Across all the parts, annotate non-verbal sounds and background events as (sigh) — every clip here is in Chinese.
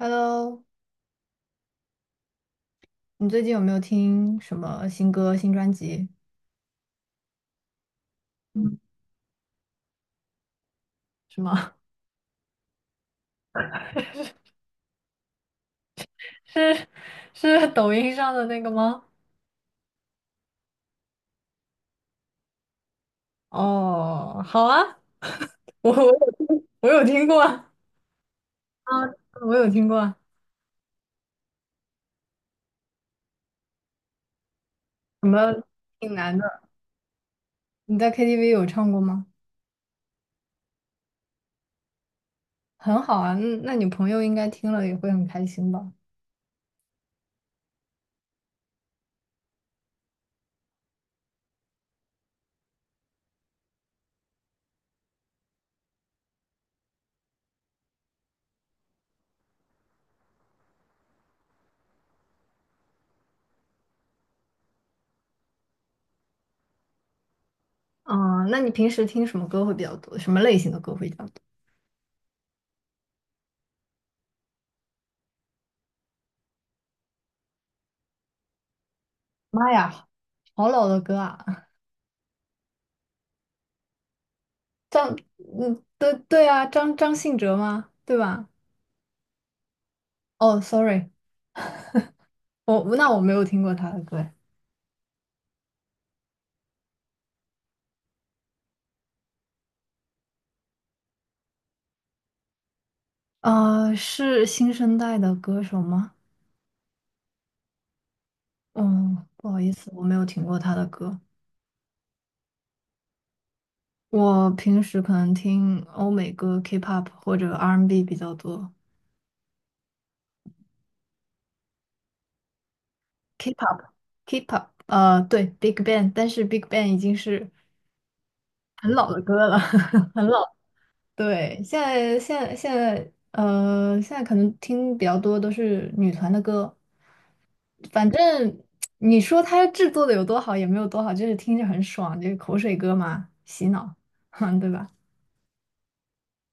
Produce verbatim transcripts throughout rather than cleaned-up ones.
Hello，你最近有没有听什么新歌、新专辑？嗯，是吗？(laughs) 是是抖音上的那个吗？哦，好啊，我我有我有听过啊，我有听过啊，什么挺难的？你在 K T V 有唱过吗？很好啊，那那你朋友应该听了也会很开心吧？啊，那你平时听什么歌会比较多？什么类型的歌会比较多？妈呀，好老的歌啊！张，嗯，对对啊，张张信哲吗？对吧？哦，sorry，我那我没有听过他的歌诶呃，是新生代的歌手吗？嗯，不好意思，我没有听过他的歌。我平时可能听欧美歌、K-pop 或者 R and B 比较多。K-pop、K-pop，呃，对，Big Bang，但是 Big Bang 已经是很老的歌了，(laughs) 很老。对，现在现在现在呃，现在可能听比较多都是女团的歌。反正你说它制作的有多好也没有多好，就是听着很爽，就是口水歌嘛，洗脑，(laughs) 哼，对吧？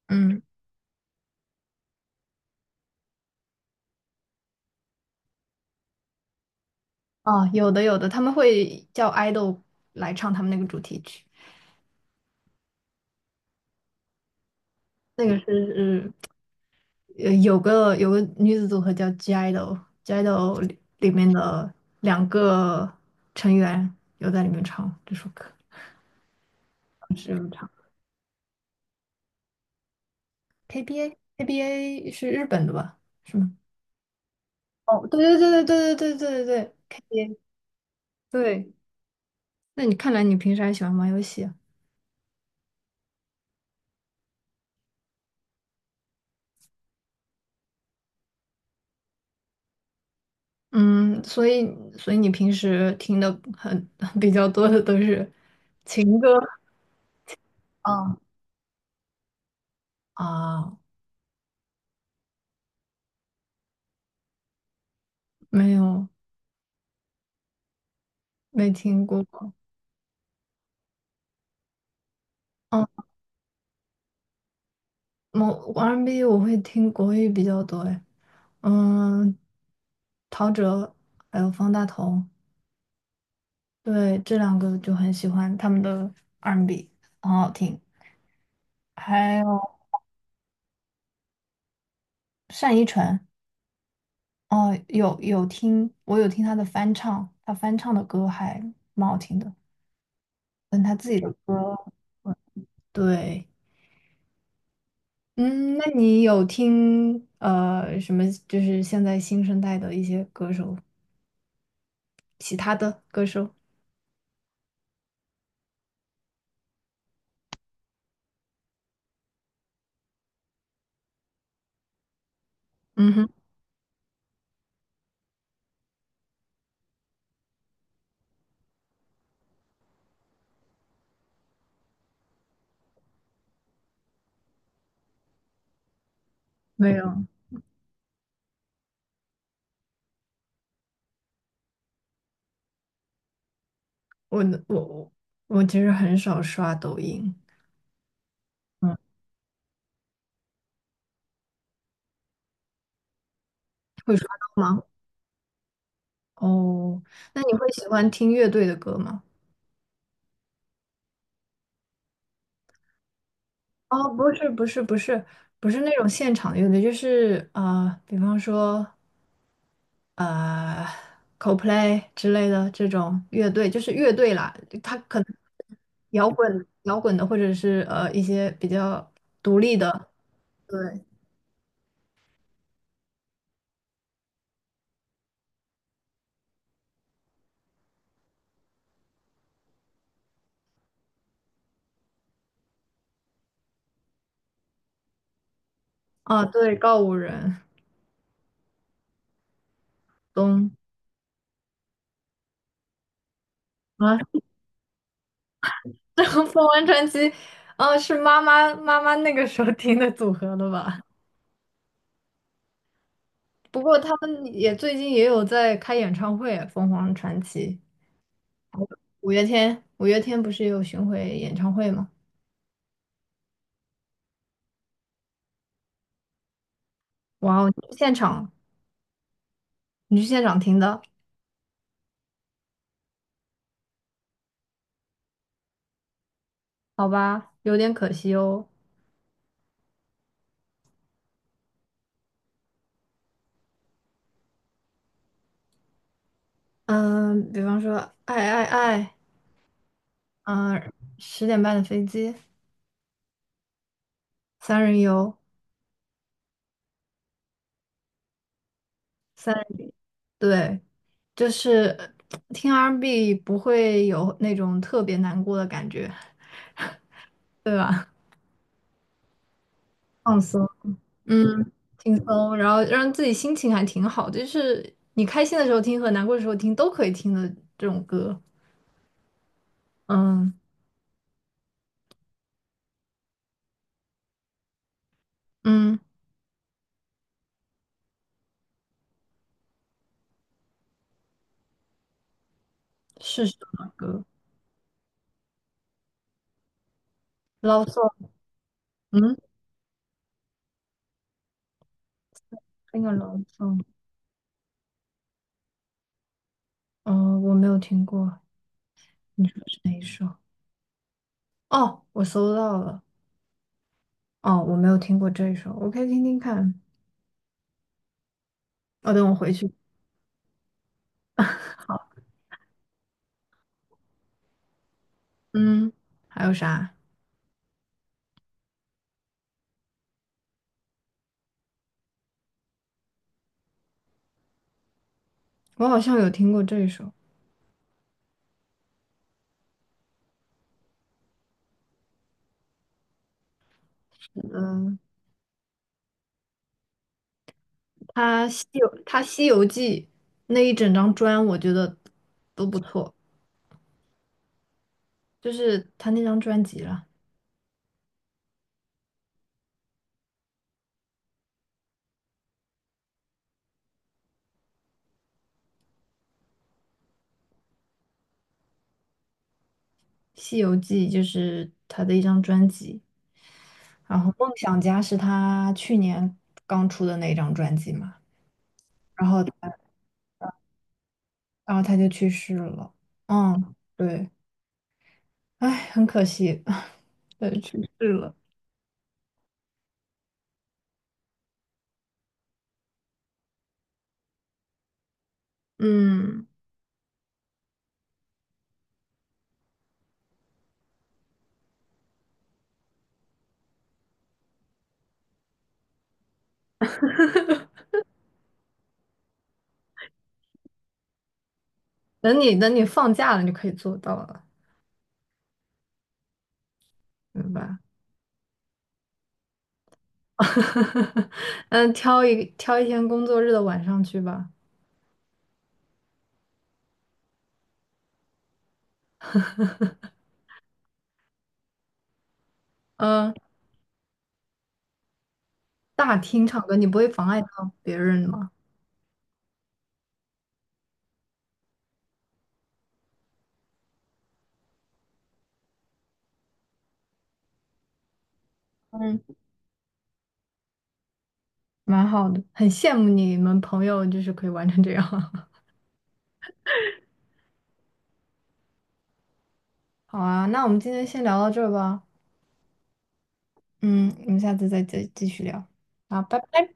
嗯，哦，有的有的，他们会叫 idol 来唱他们那个主题曲，那个是呃有个有个女子组合叫 G idol，G idol 里里面的两个成员有在里面唱这首歌，是有唱 K B A K B A 是日本的吧？是吗？哦，对对对对对对对对对，K B A 对。那你看来你平时还喜欢玩游戏啊，嗯，所以所以你平时听的很 (laughs) 比较多的都是情歌，啊啊，没有没听过，嗯，我 R and B 我会听国语比较多，哎，嗯，陶喆还有方大同，对，这两个就很喜欢他们的 R and B，很好听，还有单依纯，哦，有有听，我有听他的翻唱，他翻唱的歌还蛮好听的，但他自己的歌，嗯对，嗯，那你有听呃什么？就是现在新生代的一些歌手，其他的歌手？嗯哼，没有，我我我我其实很少刷抖音，嗯，会刷到吗？哦，那你会喜欢听乐队的歌吗？哦，不是不是不是不是那种现场乐队，就是呃，比方说呃，Coldplay 之类的这种乐队，就是乐队啦，它可能摇滚摇滚的，或者是呃一些比较独立的，对啊，对，告五人东啊，(laughs) 这个凤凰传奇，啊，是妈妈妈妈那个时候听的组合的吧？不过他们也最近也有在开演唱会啊，凤凰传奇。五月天，五月天不是有巡回演唱会吗？哇哦，你去现场，你去现场听的，好吧，有点可惜哦。嗯，比方说《爱爱爱》，嗯，十点半的飞机，三人游，三人，对，就是听 R and B and B 不会有那种特别难过的感觉，对吧？放松，嗯，轻松，然后让自己心情还挺好，就是你开心的时候听和难过的时候听都可以听的这种歌，嗯。嗯，是什么歌 l o 嗯，那个 l o v 哦，我没有听过。你说是哪一首？哦，我搜到了。哦，我没有听过这一首，我可以听听看。哦，等我回去。(laughs) 好，嗯，还有啥？我好像有听过这一首。嗯，他《西游》他《西游记》那一整张专，我觉得都不错，就是他那张专辑了，《西游记》就是他的一张专辑。然后《梦想家》是他去年刚出的那一张专辑嘛，然后他然后他就去世了。嗯，对，哎，很可惜，(laughs) 对，去世了。嗯，等你等你放假了，你就可以做到了，明白？(laughs) 嗯，挑一挑一天工作日的晚上去吧。嗯，大厅唱歌，你不会妨碍到别人吗？嗯，蛮好的，很羡慕你们朋友，就是可以玩成这样。(laughs) 好啊，那我们今天先聊到这儿吧。嗯，我们下次再再继续聊。好，拜拜。